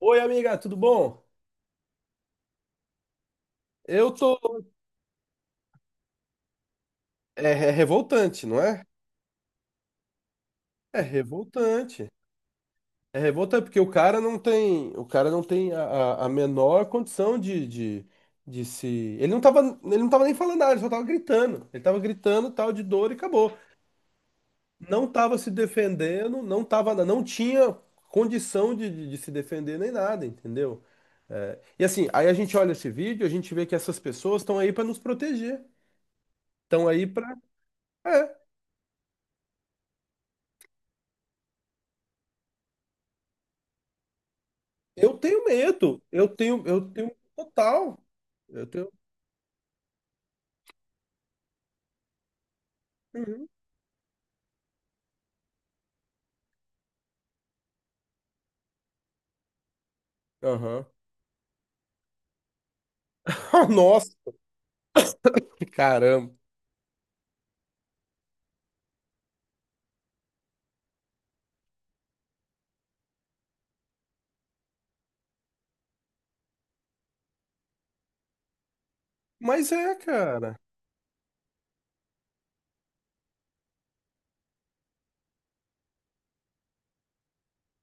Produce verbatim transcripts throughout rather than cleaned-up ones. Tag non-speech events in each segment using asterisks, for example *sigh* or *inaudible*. Oi, amiga, tudo bom? Eu tô. É, é revoltante, não é? É revoltante. É revoltante porque o cara não tem, o cara não tem a, a- a menor condição de, de, de se. Ele não tava, ele não tava nem falando nada, ele só tava gritando. Ele tava gritando tal de dor e acabou. Não tava se defendendo, não tava, não tinha condição de, de, de se defender nem nada, entendeu? É, e assim, aí a gente olha esse vídeo, a gente vê que essas pessoas estão aí para nos proteger, estão aí para. Eu tenho medo. Eu tenho, eu tenho total. Eu tenho. Uhum. Aham. *laughs* Nossa, caramba. Mas é, cara.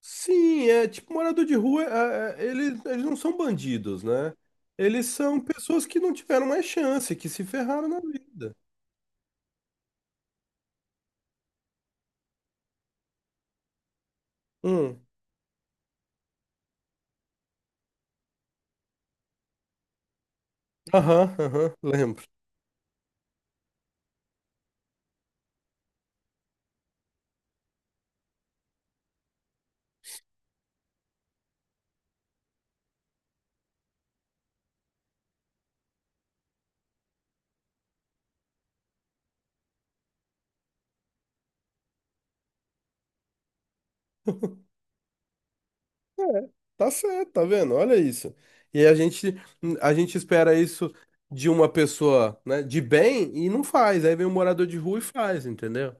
Sim, é tipo morador de rua, é- é- eles, eles não são bandidos, né? Eles são pessoas que não tiveram mais chance, que se ferraram na vida. Hum. Aham, aham, lembro. *laughs* É, tá certo, tá vendo? Olha isso. E a gente, a gente espera isso de uma pessoa, né, de bem e não faz. Aí vem um morador de rua e faz, entendeu?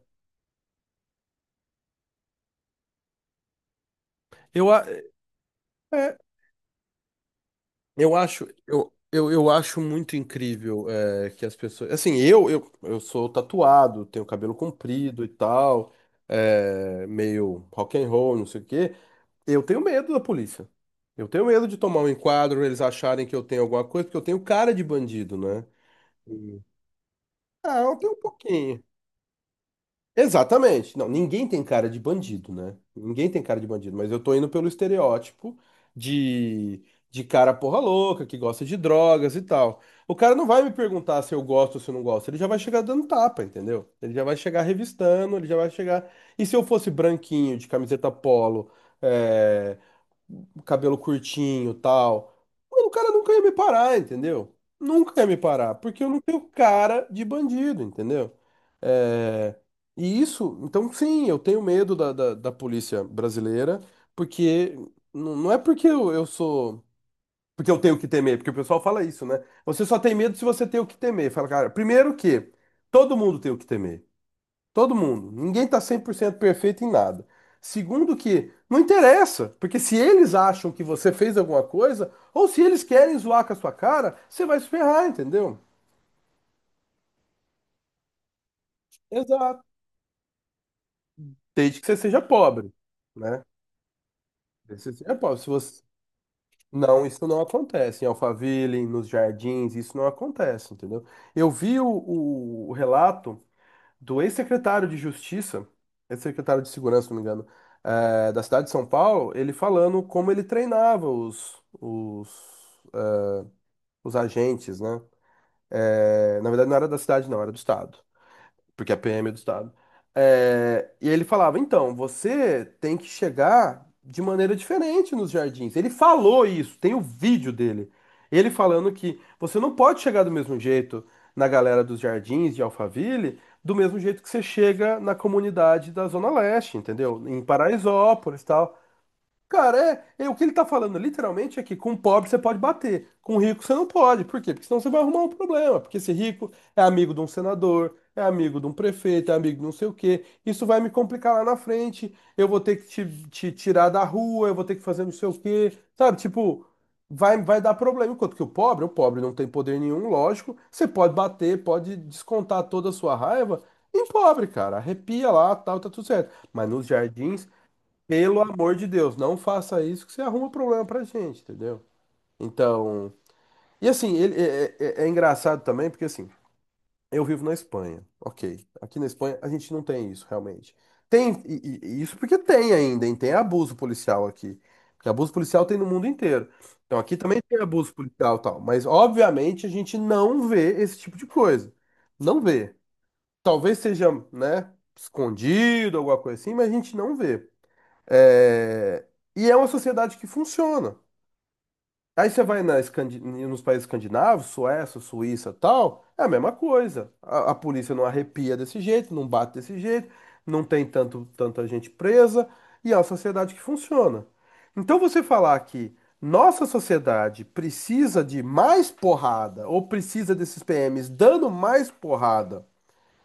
Eu, a- é, eu acho, eu, eu, eu acho muito incrível é, que as pessoas. Assim, eu, eu, eu sou tatuado, tenho cabelo comprido e tal, é, meio rock and roll, não sei o quê. Eu tenho medo da polícia. Eu tenho medo de tomar um enquadro, eles acharem que eu tenho alguma coisa, porque eu tenho cara de bandido, né? Ah, eu tenho um pouquinho. Exatamente. Não, ninguém tem cara de bandido, né? Ninguém tem cara de bandido, mas eu tô indo pelo estereótipo de, de cara porra louca, que gosta de drogas e tal. O cara não vai me perguntar se eu gosto ou se eu não gosto, ele já vai chegar dando tapa, entendeu? Ele já vai chegar revistando, ele já vai chegar. E se eu fosse branquinho, de camiseta polo, eh, cabelo curtinho, tal. Mano, o cara nunca ia me parar, entendeu? Nunca ia me parar, porque eu não tenho cara de bandido, entendeu? É, e isso, então sim, eu tenho medo da, da, da polícia brasileira, porque n- não é porque eu, eu sou. Porque eu tenho o que temer, porque o pessoal fala isso, né? Você só tem medo se você tem o que temer. Fala, cara, primeiro que todo mundo tem o que temer. Todo mundo. Ninguém tá cem por cento perfeito em nada. Segundo que, não interessa, porque se eles acham que você fez alguma coisa, ou se eles querem zoar com a sua cara, você vai se ferrar, entendeu? Exato. Desde que você seja pobre, né? Desde que você seja pobre. Se você... Não, isso não acontece. Em Alphaville, nos jardins, isso não acontece, entendeu? Eu vi o, o- o relato do ex-secretário de Justiça, ex-secretário de Segurança, se não me engano, eh, da cidade de São Paulo, ele falando como ele treinava os, os, eh, os agentes, né? Eh, na verdade, não era da cidade, não, era do estado porque a P M é do Estado. É, e ele falava, então, você tem que chegar de maneira diferente nos jardins. Ele falou isso, tem o vídeo dele. Ele falando que você não pode chegar do mesmo jeito na galera dos jardins de Alphaville, do mesmo jeito que você chega na comunidade da Zona Leste, entendeu? Em Paraisópolis, e tal. Cara, é, é o que ele tá falando literalmente é que com pobre você pode bater, com rico você não pode. Por quê? Porque senão você vai arrumar um problema. Porque esse rico é amigo de um senador, é amigo de um prefeito, é amigo de não sei o quê. Isso vai me complicar lá na frente. Eu vou ter que te, te tirar da rua, eu vou ter que fazer não sei o quê. Sabe? Tipo, vai, vai dar problema. Enquanto que o pobre, o pobre não tem poder nenhum, lógico. Você pode bater, pode descontar toda a sua raiva em pobre, cara. Arrepia lá, tal, tá tudo certo. Mas nos jardins. Pelo amor de Deus, não faça isso que você arruma problema pra gente, entendeu? Então. E assim, ele é, é- é é engraçado também, porque assim, eu vivo na Espanha, ok. Aqui na Espanha a gente não tem isso, realmente. Tem, e- e- e isso porque tem ainda, hein? Tem abuso policial aqui. Porque abuso policial tem no mundo inteiro. Então aqui também tem abuso policial e tal. Mas obviamente a gente não vê esse tipo de coisa. Não vê. Talvez seja, né, escondido, alguma coisa assim, mas a gente não vê. É, e é uma sociedade que funciona. Aí você vai na Escandi- nos países escandinavos, Suécia, Suíça, tal, é a mesma coisa. A, a polícia não arrepia desse jeito, não bate desse jeito, não tem tanto, tanta gente presa, e é uma sociedade que funciona. Então você falar que nossa sociedade precisa de mais porrada, ou precisa desses P Ms dando mais porrada,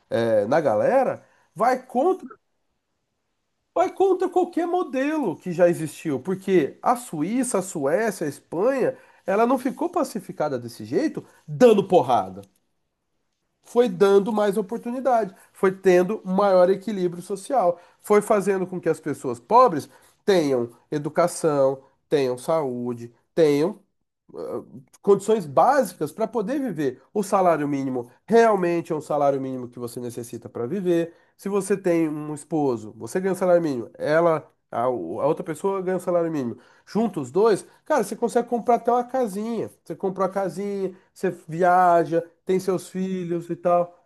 é, na galera, vai contra. Vai contra qualquer modelo que já existiu, porque a Suíça, a Suécia, a Espanha, ela não ficou pacificada desse jeito, dando porrada. Foi dando mais oportunidade, foi tendo maior equilíbrio social, foi fazendo com que as pessoas pobres tenham educação, tenham saúde, tenham condições básicas para poder viver. O salário mínimo realmente é um salário mínimo que você necessita para viver. Se você tem um esposo, você ganha um salário mínimo, ela, a, a outra pessoa ganha um salário mínimo. Juntos os dois, cara, você consegue comprar até uma casinha. Você compra uma casinha, você viaja, tem seus filhos e tal.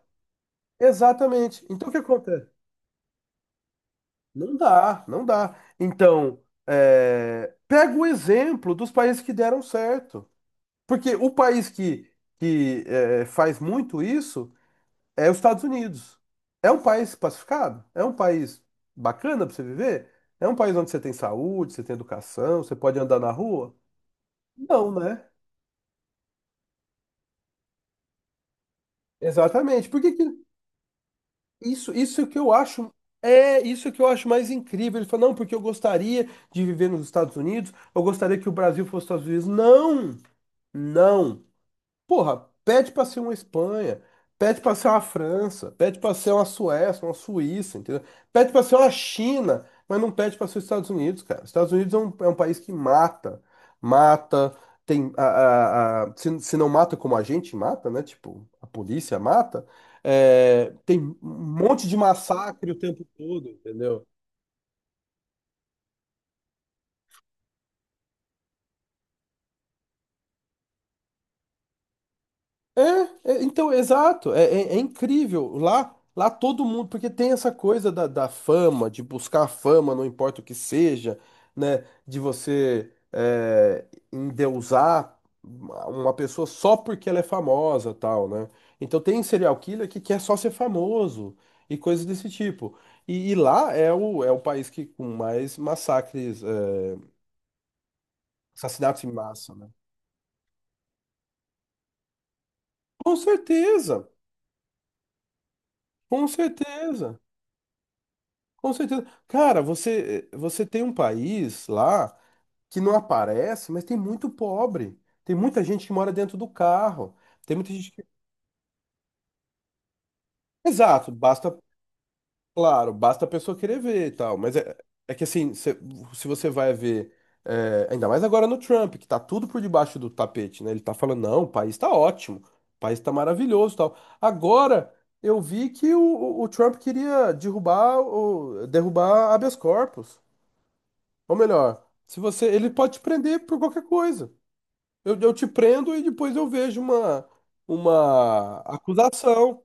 Exatamente. Então o que acontece? Não dá, não dá. Então, é, pega o exemplo dos países que deram certo. Porque o país que, que eh, faz muito isso é os Estados Unidos. É um país pacificado, é um país bacana para você viver, é um país onde você tem saúde, você tem educação, você pode andar na rua. Não, né? Exatamente. Por que que isso, isso que eu acho é isso que eu acho mais incrível. Ele falou, não, porque eu gostaria de viver nos Estados Unidos, eu gostaria que o Brasil fosse os Estados Unidos. Não, não. Porra, pede pra ser uma Espanha, pede pra ser uma França, pede pra ser uma Suécia, uma Suíça, entendeu? Pede pra ser uma China, mas não pede pra ser os Estados Unidos, cara. Os Estados Unidos é um, é um país que mata, mata, tem a, a- a- se, se não mata como a gente mata, né? Tipo, a polícia mata, é, tem um monte de massacre o tempo todo, entendeu? É, é, então, exato, é, é- é incrível. Lá, lá todo mundo, porque tem essa coisa da, da fama, de buscar fama, não importa o que seja, né? De você é, endeusar uma uma pessoa só porque ela é famosa, tal, né? Então tem serial killer que quer só ser famoso e coisas desse tipo. E, e lá é o, é o país que com mais massacres, é, assassinatos em massa, né? Com certeza, com certeza. Com certeza. Cara, você, você tem um país lá que não aparece, mas tem muito pobre. Tem muita gente que mora dentro do carro. Tem muita gente que... Exato, basta, claro, basta a pessoa querer ver e tal. Mas é, é que assim, se, se você vai ver, é, ainda mais agora no Trump, que tá tudo por debaixo do tapete, né? Ele tá falando, não, o país tá ótimo, o país tá maravilhoso e tal. Agora eu vi que o, o o Trump queria derrubar, o, derrubar habeas corpus. Ou melhor, se você, ele pode te prender por qualquer coisa. Eu, eu te prendo e depois eu vejo uma, uma acusação.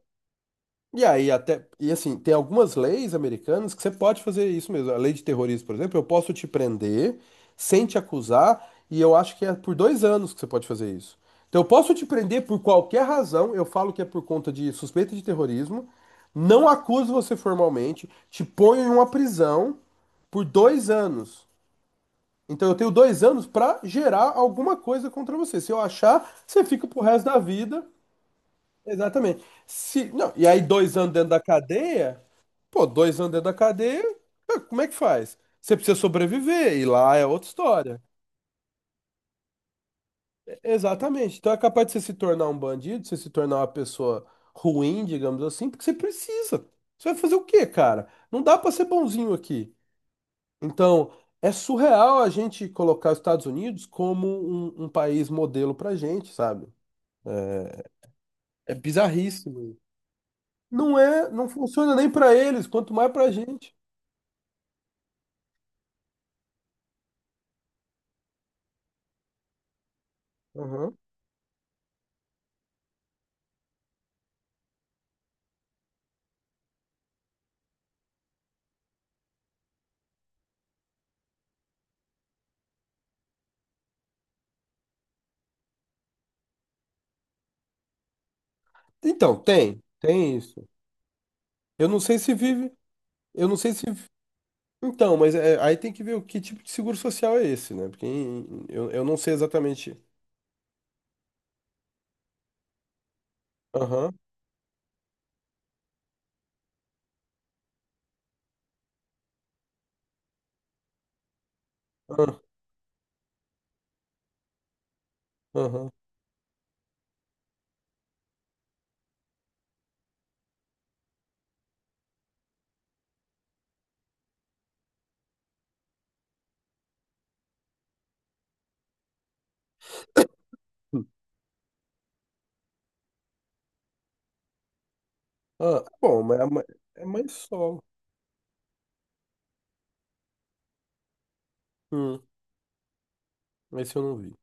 E aí até, e assim, tem algumas leis americanas que você pode fazer isso mesmo. A lei de terrorismo, por exemplo, eu posso te prender sem te acusar, e eu acho que é por dois anos que você pode fazer isso. Então eu posso te prender por qualquer razão, eu falo que é por conta de suspeita de terrorismo, não acuso você formalmente, te ponho em uma prisão por dois anos. Então eu tenho dois anos para gerar alguma coisa contra você. Se eu achar, você fica pro resto da vida. Exatamente. Se, não, e aí dois anos dentro da cadeia, pô, dois anos dentro da cadeia, ah, como é que faz? Você precisa sobreviver, e lá é outra história. Exatamente. Então é capaz de você se tornar um bandido, você se tornar uma pessoa ruim, digamos assim, porque você precisa. Você vai fazer o quê, cara? Não dá para ser bonzinho aqui. Então, é surreal a gente colocar os Estados Unidos como um, um país modelo pra gente, sabe? É bizarríssimo. Não é, não funciona nem pra eles, quanto mais pra gente. Uhum. Então, tem, tem isso. Eu não sei se vive, eu não sei se. Então, mas é- aí tem que ver o que tipo de seguro social é esse, né? Porque em- eu, eu não sei exatamente. Aham, aham, aham. Ah, bom, mas é mais é mais só. Hum, esse eu não vi.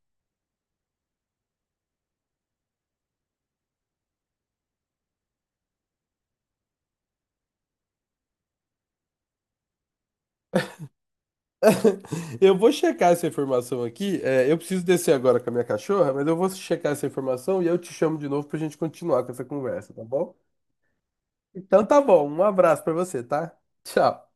*laughs* Eu vou checar essa informação aqui. É, eu preciso descer agora com a minha cachorra, mas eu vou checar essa informação e eu te chamo de novo pra gente continuar com essa conversa, tá bom? Então tá bom. Um abraço pra você, tá? Tchau.